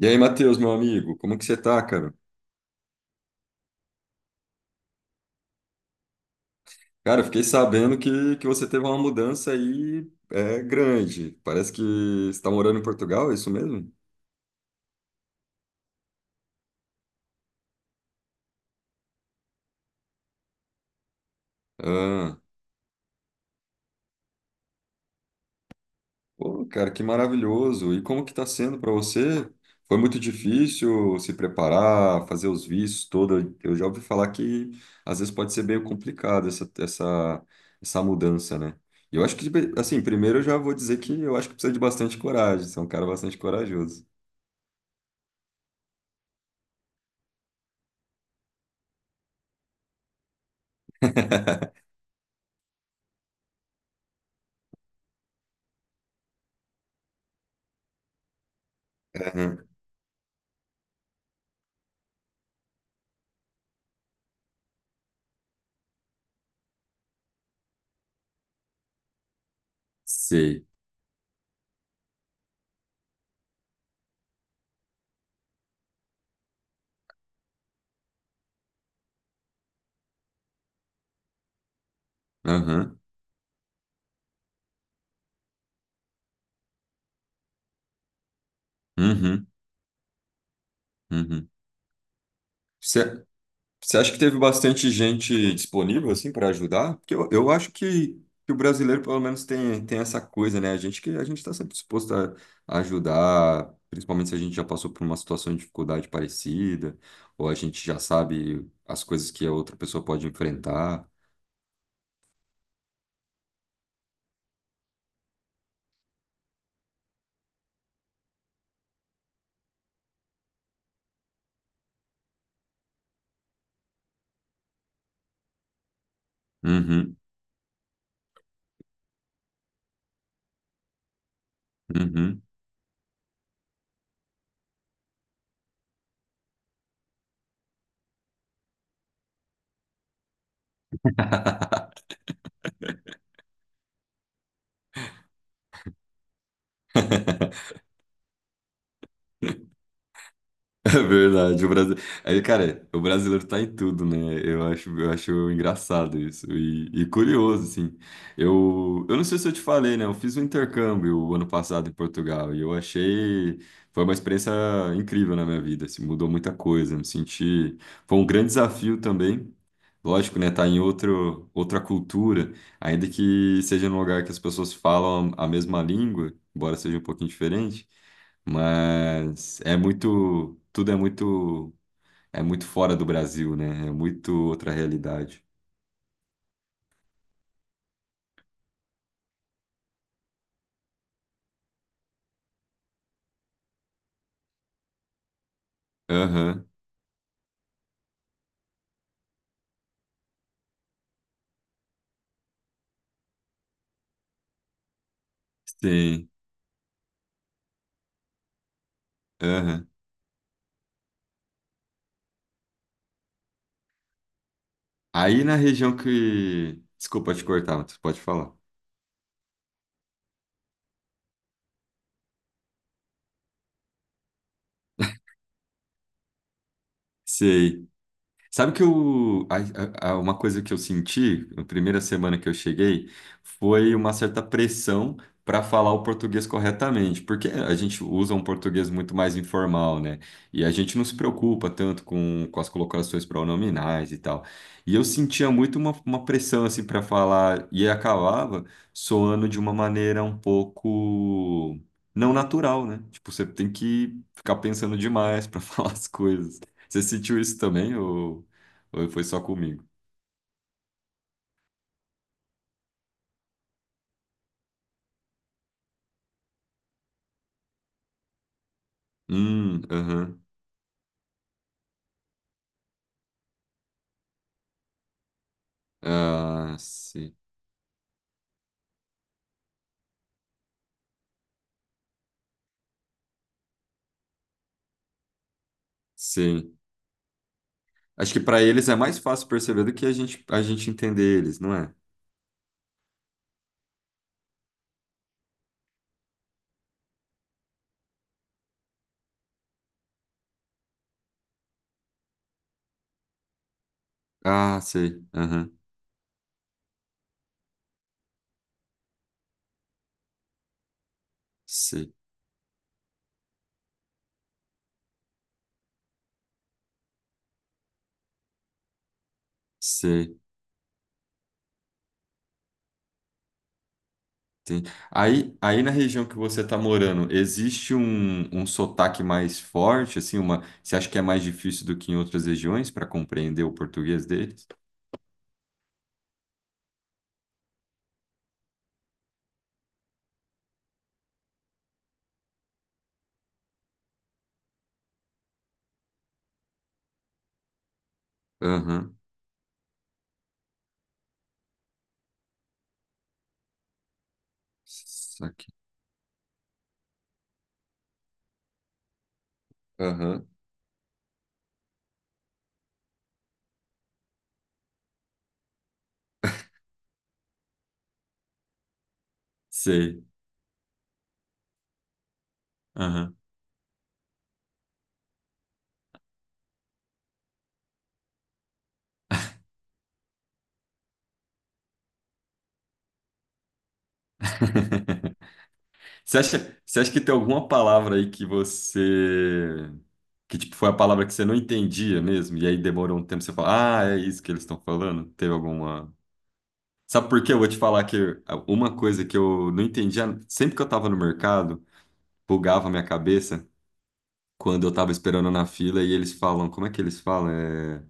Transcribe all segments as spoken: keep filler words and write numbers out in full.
E aí, Matheus, meu amigo, como que você tá, cara? Cara, eu fiquei sabendo que, que você teve uma mudança aí é, grande. Parece que você está morando em Portugal, é isso mesmo? Ah, pô, cara, que maravilhoso. E como que tá sendo para você? Foi muito difícil se preparar, fazer os vistos todo. Eu já ouvi falar que às vezes pode ser meio complicado essa, essa, essa mudança, né? E Eu acho que, assim, primeiro eu já vou dizer que eu acho que precisa de bastante coragem. Você é um cara bastante corajoso. Sei. Aham. Uhum. Uhum. Você você acha que teve bastante gente disponível assim para ajudar? Porque eu, eu acho que, que o brasileiro pelo menos tem, tem essa coisa, né? A gente que a gente está sempre disposto a, a ajudar, principalmente se a gente já passou por uma situação de dificuldade parecida, ou a gente já sabe as coisas que a outra pessoa pode enfrentar. Uhum. Uhum. É verdade, o Brasil... Aí, cara, o brasileiro tá em tudo, né? Eu acho, eu acho engraçado isso e, e curioso, assim. Eu, eu não sei se eu te falei, né? Eu fiz um intercâmbio o ano passado em Portugal e eu achei... Foi uma experiência incrível na minha vida, assim, mudou muita coisa, me senti... Foi um grande desafio também, lógico, né? Tá em outro, outra cultura, ainda que seja num lugar que as pessoas falam a mesma língua, embora seja um pouquinho diferente, mas é muito, tudo é muito, é muito fora do Brasil, né? É muito outra realidade. Aham, sim, aham. Aí na região que, desculpa te cortar, mas tu pode falar. Sei. Sabe que eu, a- a- a- uma coisa que eu senti na primeira semana que eu cheguei foi uma certa pressão para falar o português corretamente, porque a gente usa um português muito mais informal, né? E a gente não se preocupa tanto com, com as colocações pronominais e tal. E eu sentia muito uma, uma pressão assim para falar e acabava soando de uma maneira um pouco não natural, né? Tipo, você tem que ficar pensando demais para falar as coisas. Você sentiu isso também ou, ou foi só comigo? Hum, aham. Ah, sim. Sim. Acho que para eles é mais fácil perceber do que a gente, a gente entender eles, não é? Ah, sei. Aham. Sei. Sei. Tem. Aí, aí na região que você está morando, existe um, um sotaque mais forte, assim, uma, você acha que é mais difícil do que em outras regiões para compreender o português deles? Aham. Saquei. Aham. Sei. Aham. Você acha, você acha que tem alguma palavra aí que você. Que tipo, foi a palavra que você não entendia mesmo? E aí demorou um tempo você falar, ah, é isso que eles estão falando? Teve alguma. Sabe por quê? Eu vou te falar que uma coisa que eu não entendia, sempre que eu tava no mercado, bugava a minha cabeça quando eu tava esperando na fila e eles falam, como é que eles falam? É,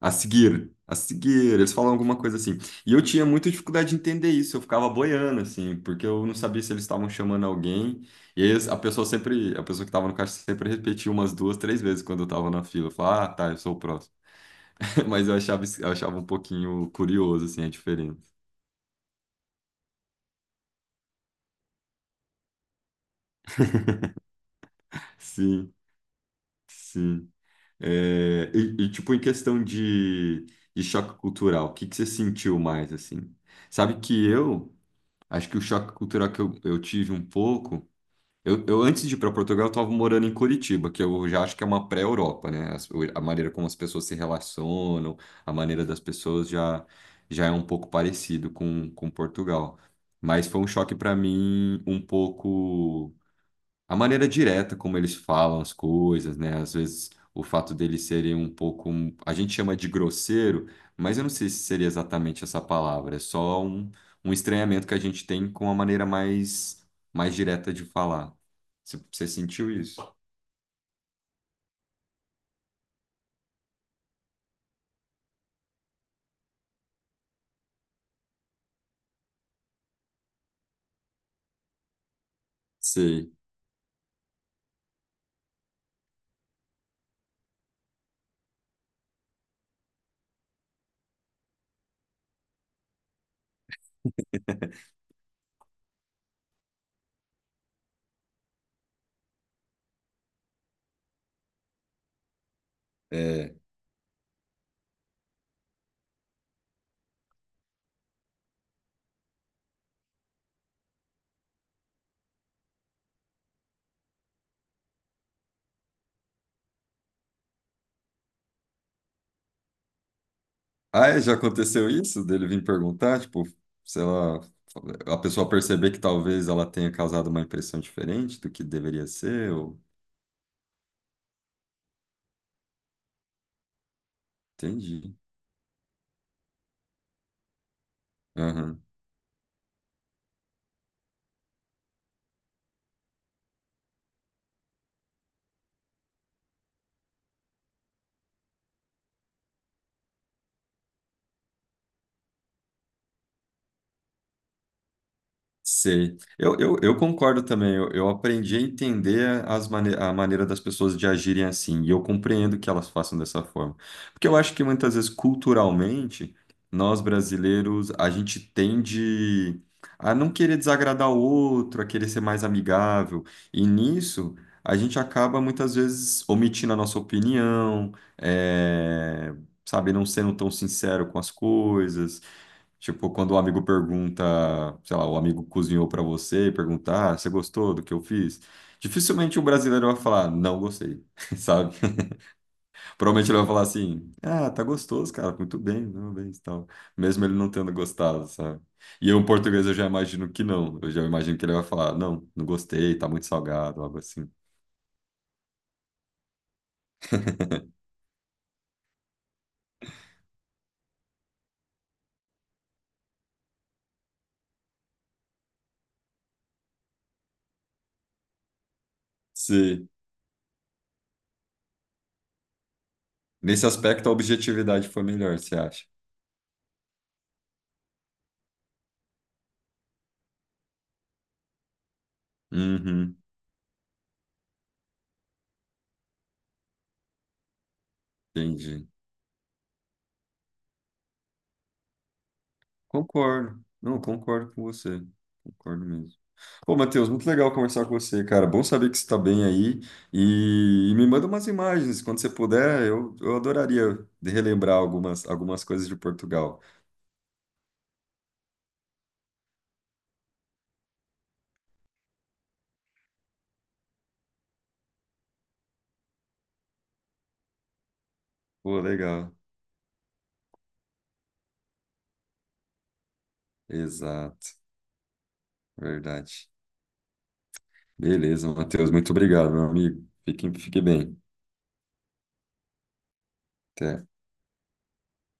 A seguir, a seguir, eles falam alguma coisa assim. E eu tinha muita dificuldade de entender isso, eu ficava boiando, assim, porque eu não sabia se eles estavam chamando alguém. E aí a pessoa sempre, a pessoa que estava no caixa sempre repetia umas duas, três vezes quando eu estava na fila. Eu falava, ah, tá, eu sou o próximo. Mas eu achava, isso- eu achava um pouquinho curioso, assim, a diferença. Sim, sim. É, e, e, tipo, em questão de, de choque cultural, o que que você sentiu mais, assim? Sabe que eu, acho que o choque cultural que eu, eu tive um pouco. Eu, eu, antes de ir para Portugal, eu estava morando em Curitiba, que eu já acho que é uma pré-Europa, né? As- o- A, maneira como as pessoas se relacionam, a maneira das pessoas já, já é um pouco parecido com, com Portugal. Mas foi um choque para mim um pouco a maneira direta como eles falam as coisas, né? Às vezes o fato deles serem um pouco, um, a gente chama de grosseiro, mas eu não sei se seria exatamente essa palavra, é só um, um estranhamento que a gente tem com a maneira mais, mais direta de falar. Você, você sentiu isso? Sei. É. Ah, é, já aconteceu isso dele vir perguntar, tipo, sei lá, a pessoa perceber que talvez ela tenha causado uma impressão diferente do que deveria ser, ou... Entendi. Aham. Sei. Eu, eu, eu concordo também. Eu, eu aprendi a entender as mane a maneira das pessoas de agirem assim. E eu compreendo que elas façam dessa forma. Porque eu acho que muitas vezes, culturalmente, nós brasileiros, a gente tende a não querer desagradar o outro, a querer ser mais amigável. E nisso, a gente acaba muitas vezes omitindo a nossa opinião, é, sabe, não sendo tão sincero com as coisas. Tipo, quando o amigo pergunta, sei lá, o amigo cozinhou pra você e perguntar, ah, você gostou do que eu fiz? Dificilmente o brasileiro vai falar, não gostei, sabe? Provavelmente ele vai falar assim, ah, tá gostoso, cara, muito bem, parabéns, tal. Mesmo ele não tendo gostado, sabe? E eu, em português, eu já imagino que não. Eu já imagino que ele vai falar, não, não gostei, tá muito salgado, algo assim. Sim. Nesse aspecto, a objetividade foi melhor, você acha? Uhum, entendi. Concordo. Não, concordo com você. Concordo mesmo. Pô, Matheus, muito legal conversar com você, cara. Bom saber que você está bem aí. E, e me manda umas imagens, quando você puder, eu, eu adoraria de relembrar algumas, algumas coisas de Portugal. Pô, legal. Exato, verdade. Beleza, Matheus, muito obrigado, meu amigo. Fique, fique bem. Até.